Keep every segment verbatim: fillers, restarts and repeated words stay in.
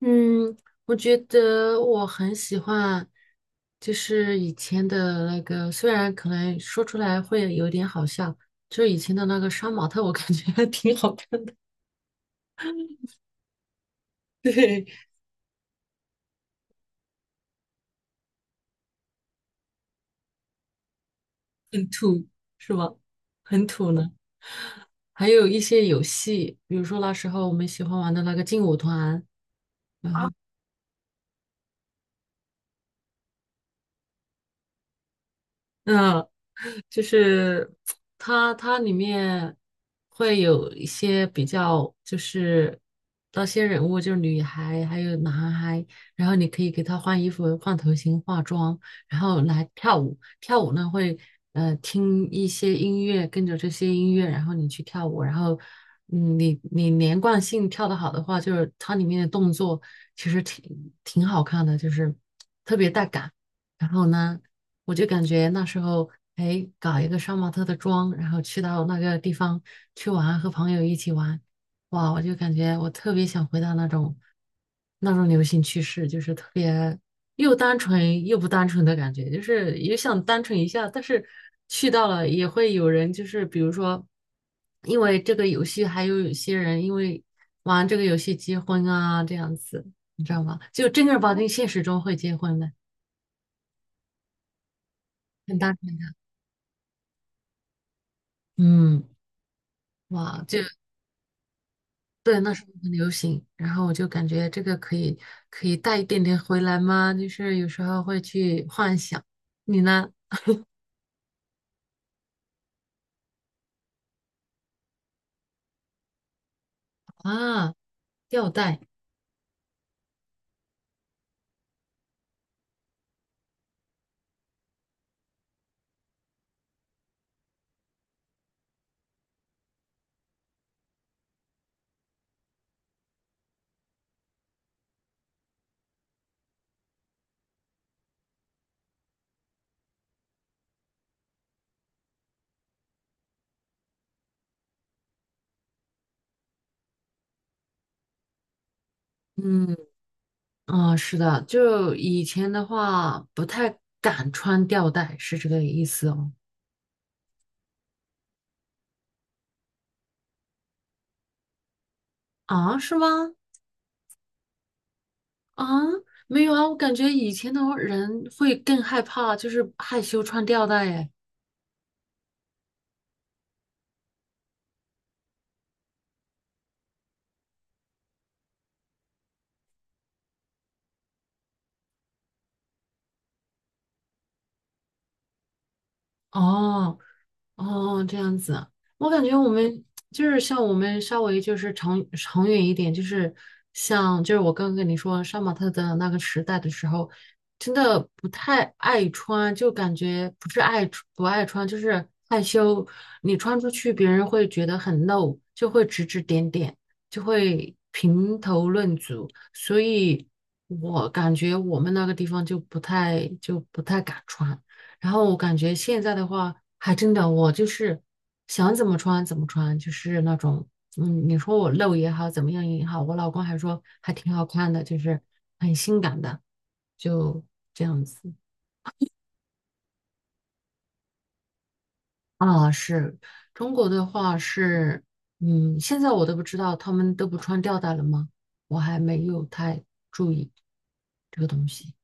嗯，我觉得我很喜欢，就是以前的那个，虽然可能说出来会有点好笑，就是以前的那个杀马特，我感觉还挺好看的。对，土是吧？很土呢。还有一些游戏，比如说那时候我们喜欢玩的那个劲舞团，然啊后。嗯，就是它它里面会有一些比较，就是那些人物就是女孩还有男孩，然后你可以给他换衣服、换头型、化妆，然后来跳舞。跳舞呢会呃听一些音乐，跟着这些音乐，然后你去跳舞，然后嗯你你连贯性跳得好的话，就是它里面的动作其实挺挺好看的，就是特别带感。然后呢？我就感觉那时候，哎，搞一个杀马特的妆，然后去到那个地方去玩，和朋友一起玩，哇，我就感觉我特别想回到那种那种流行趋势，就是特别又单纯又不单纯的感觉，就是也想单纯一下，但是去到了也会有人，就是比如说，因为这个游戏，还有有些人因为玩这个游戏结婚啊，这样子，你知道吗？就正儿八经现实中会结婚的，很单纯，嗯。哇，就对，那时候很流行，然后我就感觉这个可以可以带一点点回来吗？就是有时候会去幻想，你呢？啊，吊带，嗯，啊，是的，就以前的话不太敢穿吊带，是这个意思哦。啊，是吗？啊，没有啊，我感觉以前的人会更害怕，就是害羞穿吊带，哎。哦，哦，这样子，我感觉我们就是像我们稍微就是长长远一点，就是像就是我刚刚跟你说杀马特的那个时代的时候，真的不太爱穿，就感觉不是爱出不爱穿，就是害羞。你穿出去，别人会觉得很露，就会指指点点，就会评头论足。所以我感觉我们那个地方就不太就不太敢穿。然后我感觉现在的话，还真的我就是想怎么穿怎么穿，就是那种，嗯，你说我露也好，怎么样也好，我老公还说还挺好看的，就是很性感的，就这样子啊。是中国的话是，嗯，现在我都不知道他们都不穿吊带了吗？我还没有太注意这个东西。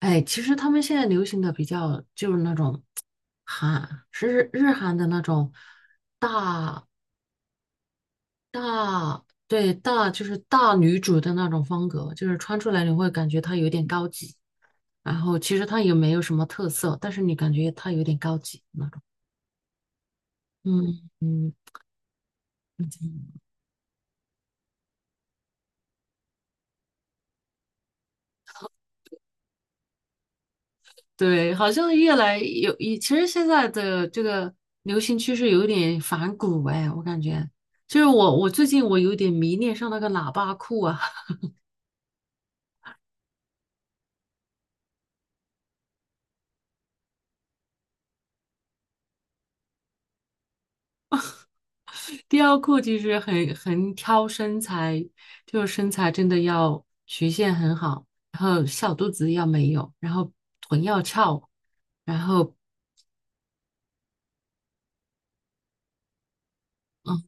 哎，其实他们现在流行的比较就是那种韩，是日韩的那种大大，对，大就是大女主的那种风格，就是穿出来你会感觉她有点高级，然后其实她也没有什么特色，但是你感觉她有点高级那种。嗯嗯，对，好像越来有，其实现在的这个流行趋势有点反骨哎，我感觉。就是我，我最近我有点迷恋上那个喇叭裤啊。雕裤其实很很挑身材，就是身材真的要曲线很好，然后小肚子要没有，然后臀要翘，然后嗯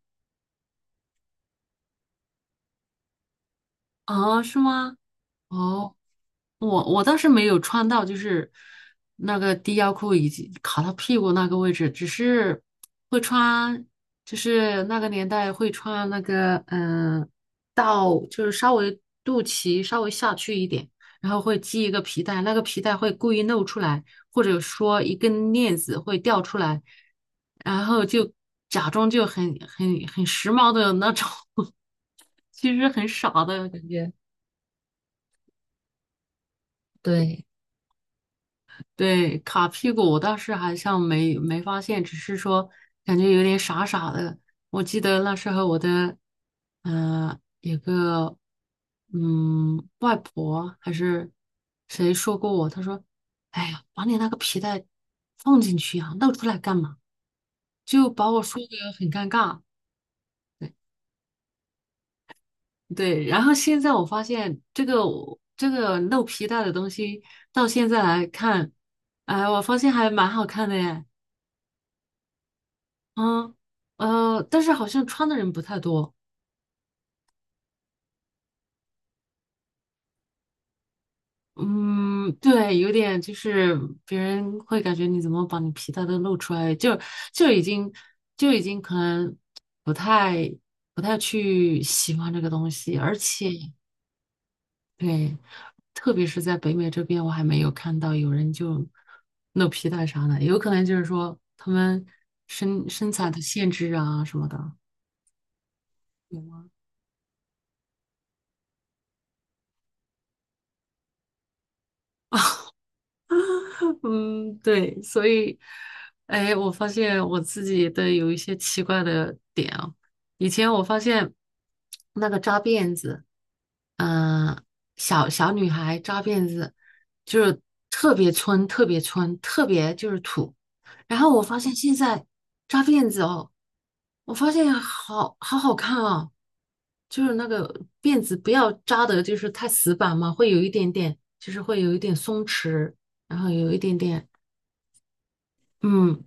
啊是吗？哦，我我倒是没有穿到，就是那个低腰裤以及卡到屁股那个位置，只是会穿，就是那个年代会穿那个，嗯、到就是稍微肚脐稍微下去一点，然后会系一个皮带，那个皮带会故意露出来，或者说一根链子会掉出来，然后就假装就很很很时髦的那种，其实很傻的感觉。对，对，卡屁股我倒是好像没没发现，只是说感觉有点傻傻的。我记得那时候我的，嗯，有个嗯外婆还是谁说过我，她说："哎呀，把你那个皮带放进去呀，露出来干嘛？"就把我说的很尴尬。对对，然后现在我发现这个这个露皮带的东西，到现在来看，哎，我发现还蛮好看的耶。嗯，呃，但是好像穿的人不太多。嗯，对，有点就是别人会感觉你怎么把你皮带都露出来，就就已经就已经可能不太不太去喜欢这个东西，而且对，特别是在北美这边，我还没有看到有人就露皮带啥的，有可能就是说他们身身材的限制啊什么的。嗯，对，所以，哎，我发现我自己的有一些奇怪的点啊。以前我发现那个扎辫子，嗯、小小女孩扎辫子，就是特别村，特别村，特别就是土。然后我发现现在扎辫子哦，我发现好好好看啊，就是那个辫子不要扎的，就是太死板嘛，会有一点点，就是会有一点松弛。然后有一点点，嗯，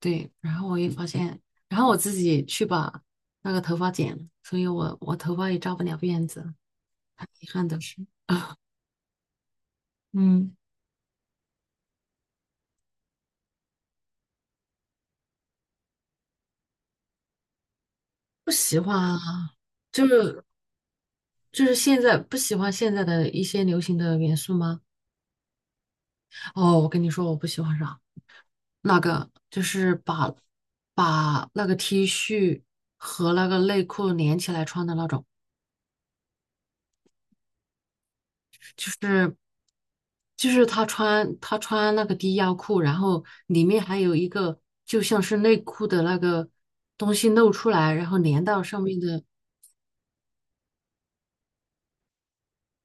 对，然后我也发现，然后我自己去把那个头发剪了，所以我我头发也扎不了辫子，很遗憾的是，嗯，不喜欢啊，就是就是现在不喜欢现在的一些流行的元素吗？哦，我跟你说，我不喜欢啥，那个就是把把那个 T 恤和那个内裤连起来穿的那种。就是就是他穿他穿那个低腰裤，然后里面还有一个就像是内裤的那个东西露出来，然后连到上面的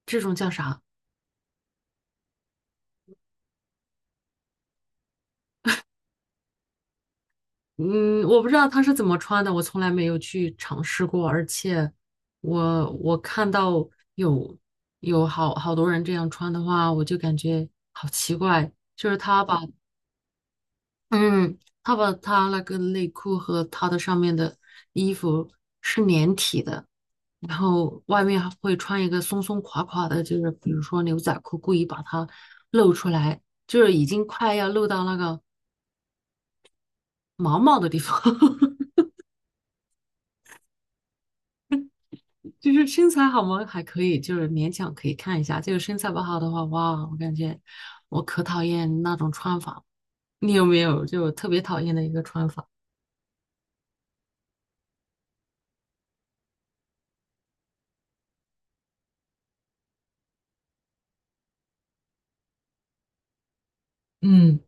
这种叫啥？嗯，我不知道他是怎么穿的，我从来没有去尝试过，而且我我看到有有好好多人这样穿的话，我就感觉好奇怪，就是他把嗯，他把他那个内裤和他的上面的衣服是连体的，然后外面还会穿一个松松垮垮的，就是比如说牛仔裤，故意把它露出来，就是已经快要露到那个毛毛的地方。就是身材好吗？还可以，就是勉强可以看一下。就是身材不好的话，哇，我感觉我可讨厌那种穿法。你有没有就特别讨厌的一个穿法？嗯。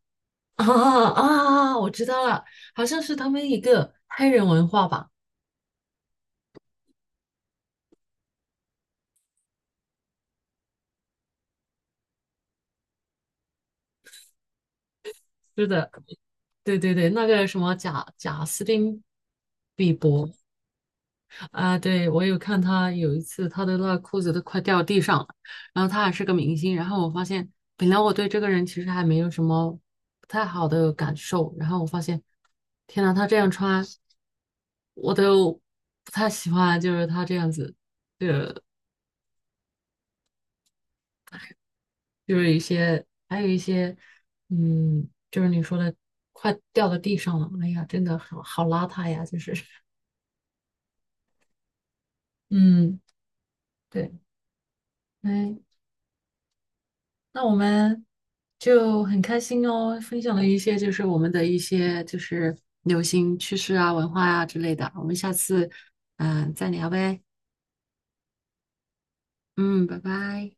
啊啊！我知道了，好像是他们一个黑人文化吧？是的，对对对，那个什么贾贾斯汀比伯啊，对我有看他有一次他的那个裤子都快掉地上了，然后他还是个明星，然后我发现本来我对这个人其实还没有什么不太好的感受，然后我发现天呐，他这样穿我都不太喜欢，就是他这样子，就是一些，还有一些，嗯，就是你说的快掉到地上了，哎呀，真的好好邋遢呀，就是，嗯，对，哎，那我们就很开心哦，分享了一些就是我们的一些就是流行趋势啊、文化啊之类的，我们下次嗯、呃再聊呗，嗯，拜拜。